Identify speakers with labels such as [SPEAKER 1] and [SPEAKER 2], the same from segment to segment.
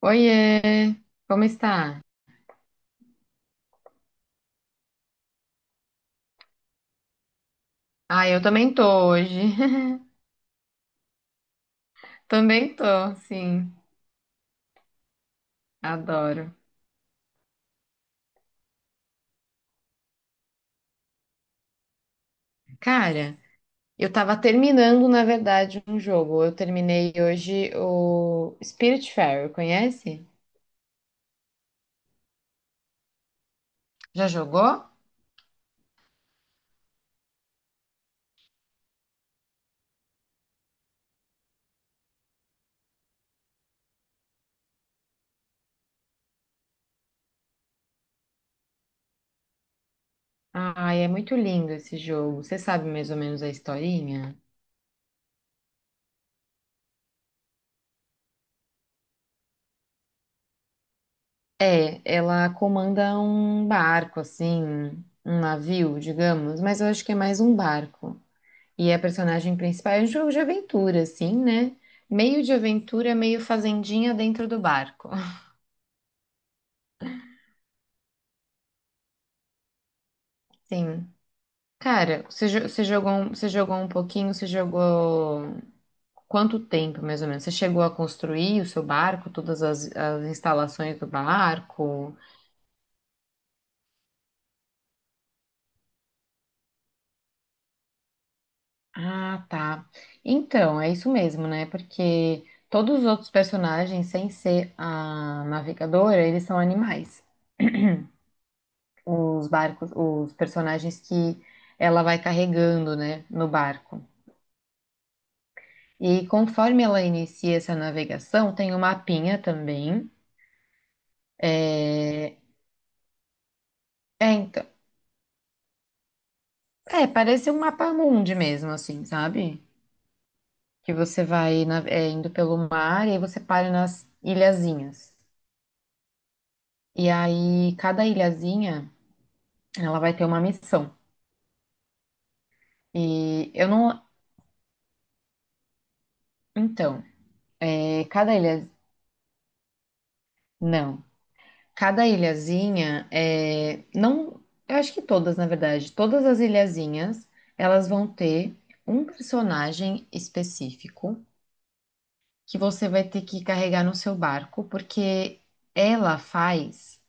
[SPEAKER 1] Oiê, como está? Ah, eu também tô hoje. Também tô, sim. Adoro. Cara, eu tava terminando, na verdade, um jogo. Eu terminei hoje o Spiritfarer, conhece? Já jogou? Ai, é muito lindo esse jogo. Você sabe mais ou menos a historinha? É, ela comanda um barco, assim, um navio, digamos, mas eu acho que é mais um barco. A personagem principal é um jogo de aventura, assim, né? Meio de aventura, meio fazendinha dentro do barco. Sim. Cara, você jogou, você jogou um pouquinho, você jogou quanto tempo, mais ou menos? Você chegou a construir o seu barco, as instalações do barco? Ah, tá. Então, é isso mesmo, né? Porque todos os outros personagens, sem ser a navegadora, eles são animais. Os barcos, os personagens que ela vai carregando, né, no barco. E conforme ela inicia essa navegação, tem um mapinha também. É, é, então, parece um mapa mundi mesmo, assim, sabe? Que você vai indo pelo mar e aí você para nas ilhazinhas. E aí, cada ilhazinha, ela vai ter uma missão. E eu não. Então, cada ilha. Não. Cada ilhazinha é, não, eu acho que todas, na verdade, todas as ilhazinhas, elas vão ter um personagem específico que você vai ter que carregar no seu barco, porque ela faz,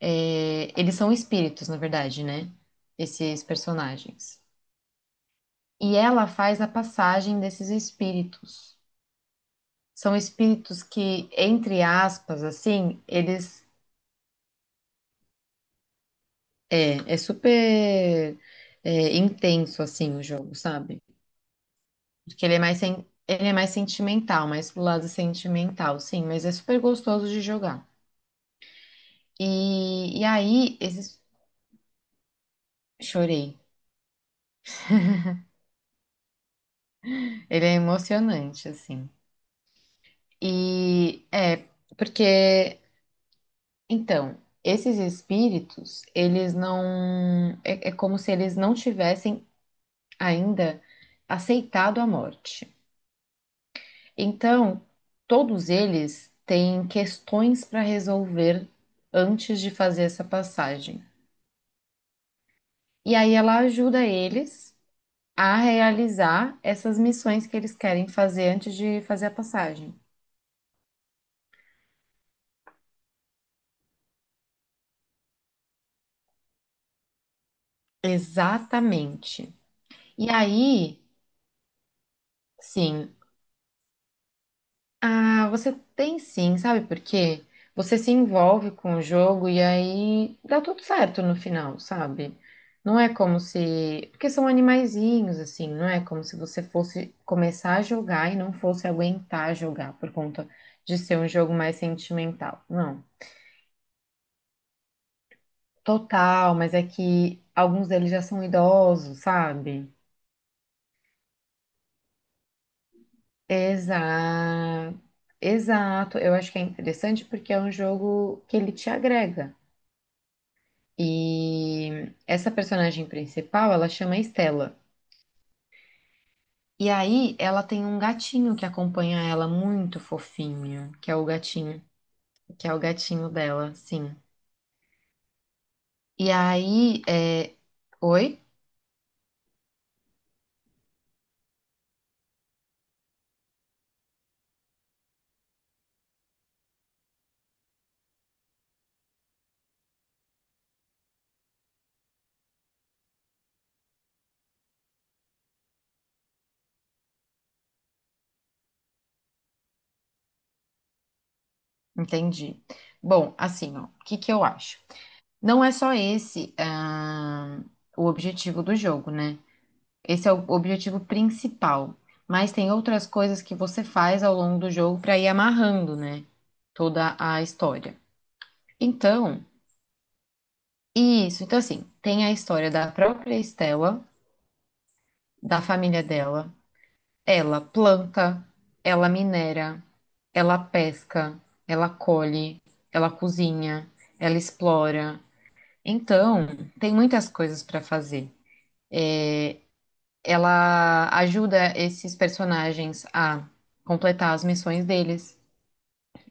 [SPEAKER 1] eles são espíritos, na verdade, né? Esses personagens. E ela faz a passagem desses espíritos. São espíritos que, entre aspas, assim, eles. É, é super é, intenso, assim, o jogo, sabe? Porque ele é ele é mais sentimental, mais pro lado sentimental, sim, mas é super gostoso de jogar. E aí, esse... chorei. Ele é emocionante, assim. E é, porque, então, esses espíritos, eles não. É como se eles não tivessem ainda aceitado a morte. Então, todos eles têm questões para resolver antes de fazer essa passagem. E aí ela ajuda eles a realizar essas missões que eles querem fazer antes de fazer a passagem. Exatamente. E aí, sim. Ah, você tem sim, sabe por quê? Você se envolve com o jogo e aí dá tudo certo no final, sabe? Não é como se. Porque são animaizinhos, assim, não é como se você fosse começar a jogar e não fosse aguentar jogar por conta de ser um jogo mais sentimental. Não, total, mas é que alguns deles já são idosos, sabe? Exato, exato. Eu acho que é interessante porque é um jogo que ele te agrega. E essa personagem principal, ela chama Estela. E aí ela tem um gatinho que acompanha ela muito fofinho, que é o gatinho, que é o gatinho dela, sim. E aí, é... oi? Entendi. Bom, assim, ó, o que que eu acho? Não é só esse, ah, o objetivo do jogo, né? Esse é o objetivo principal, mas tem outras coisas que você faz ao longo do jogo para ir amarrando, né? Toda a história. Então, isso, então assim, tem a história da própria Estela, da família dela. Ela planta, ela minera, ela pesca, ela colhe, ela cozinha, ela explora. Então, tem muitas coisas para fazer. Ela ajuda esses personagens a completar as missões deles.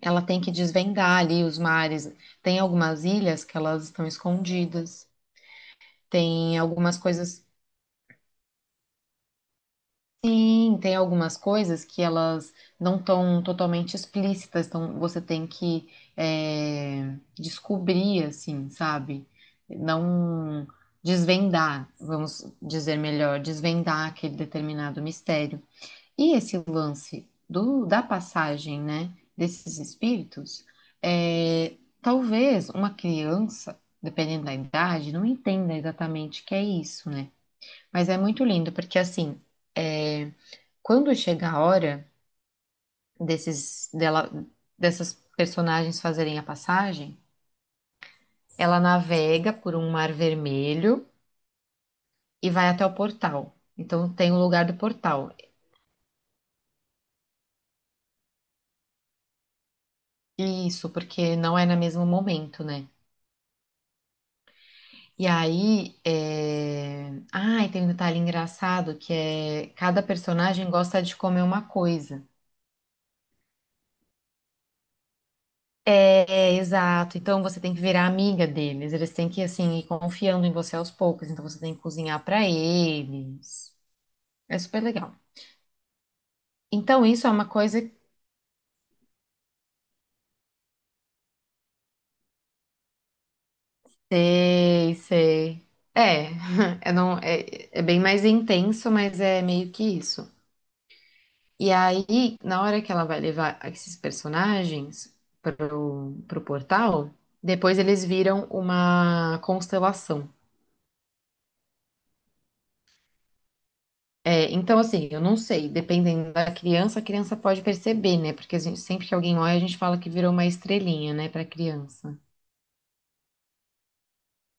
[SPEAKER 1] Ela tem que desvendar ali os mares. Tem algumas ilhas que elas estão escondidas. Tem algumas coisas. Sim, tem algumas coisas que elas não estão totalmente explícitas, então você tem que descobrir, assim, sabe? Não desvendar, vamos dizer melhor, desvendar aquele determinado mistério. E esse lance da passagem, né, desses espíritos, é, talvez uma criança, dependendo da idade, não entenda exatamente o que é isso, né? Mas é muito lindo, porque assim. eh, Quando chega a hora desses, dela, dessas personagens fazerem a passagem, ela navega por um mar vermelho e vai até o portal. Então tem o lugar do portal. Isso, porque não é no mesmo momento, né? E aí, é... ah, e tem um detalhe engraçado que é cada personagem gosta de comer uma coisa. É, é, exato. Então você tem que virar amiga deles. Eles têm que assim ir confiando em você aos poucos. Então você tem que cozinhar pra eles. É super legal. Então, isso é uma coisa que. Sei, sei. É, eu não, é, é bem mais intenso, mas é meio que isso. E aí, na hora que ela vai levar esses personagens pro portal, depois eles viram uma constelação. É, então, assim, eu não sei, dependendo da criança, a criança pode perceber, né? Porque a gente- sempre que alguém olha, a gente fala que virou uma estrelinha, né, pra criança.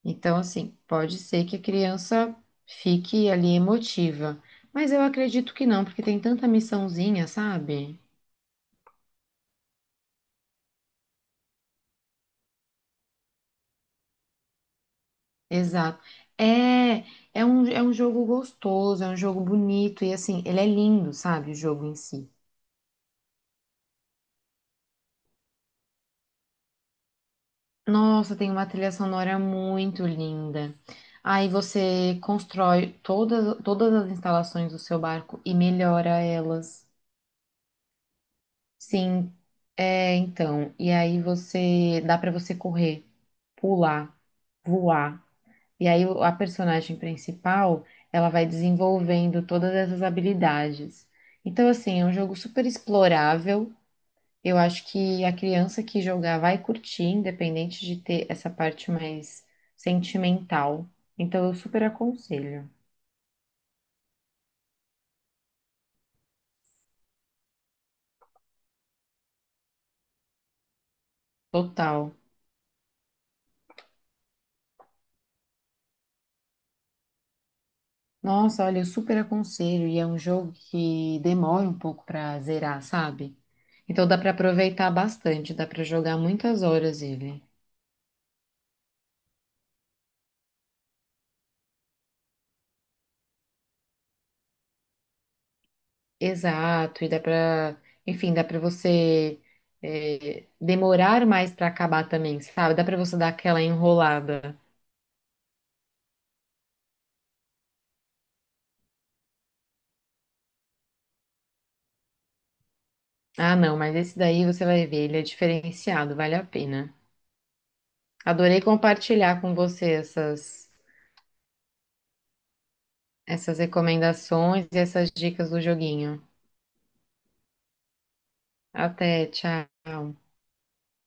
[SPEAKER 1] Então, assim, pode ser que a criança fique ali emotiva, mas eu acredito que não, porque tem tanta missãozinha, sabe? Exato. É, é um jogo gostoso, é um jogo bonito, e assim, ele é lindo, sabe? O jogo em si. Nossa, tem uma trilha sonora muito linda. Aí você constrói todas as instalações do seu barco e melhora elas. Sim, é, então. E aí você, dá pra você correr, pular, voar. E aí a personagem principal, ela vai desenvolvendo todas essas habilidades. Então, assim, é um jogo super explorável. Eu acho que a criança que jogar vai curtir, independente de ter essa parte mais sentimental. Então, eu super aconselho. Total. Nossa, olha, eu super aconselho. E é um jogo que demora um pouco pra zerar, sabe? Então dá pra aproveitar bastante, dá pra jogar muitas horas ele. Exato, e dá pra, enfim, dá pra você demorar mais pra acabar também, sabe? Dá pra você dar aquela enrolada. Ah, não, mas esse daí você vai ver, ele é diferenciado, vale a pena. Adorei compartilhar com você essas, essas recomendações e essas dicas do joguinho. Até, tchau.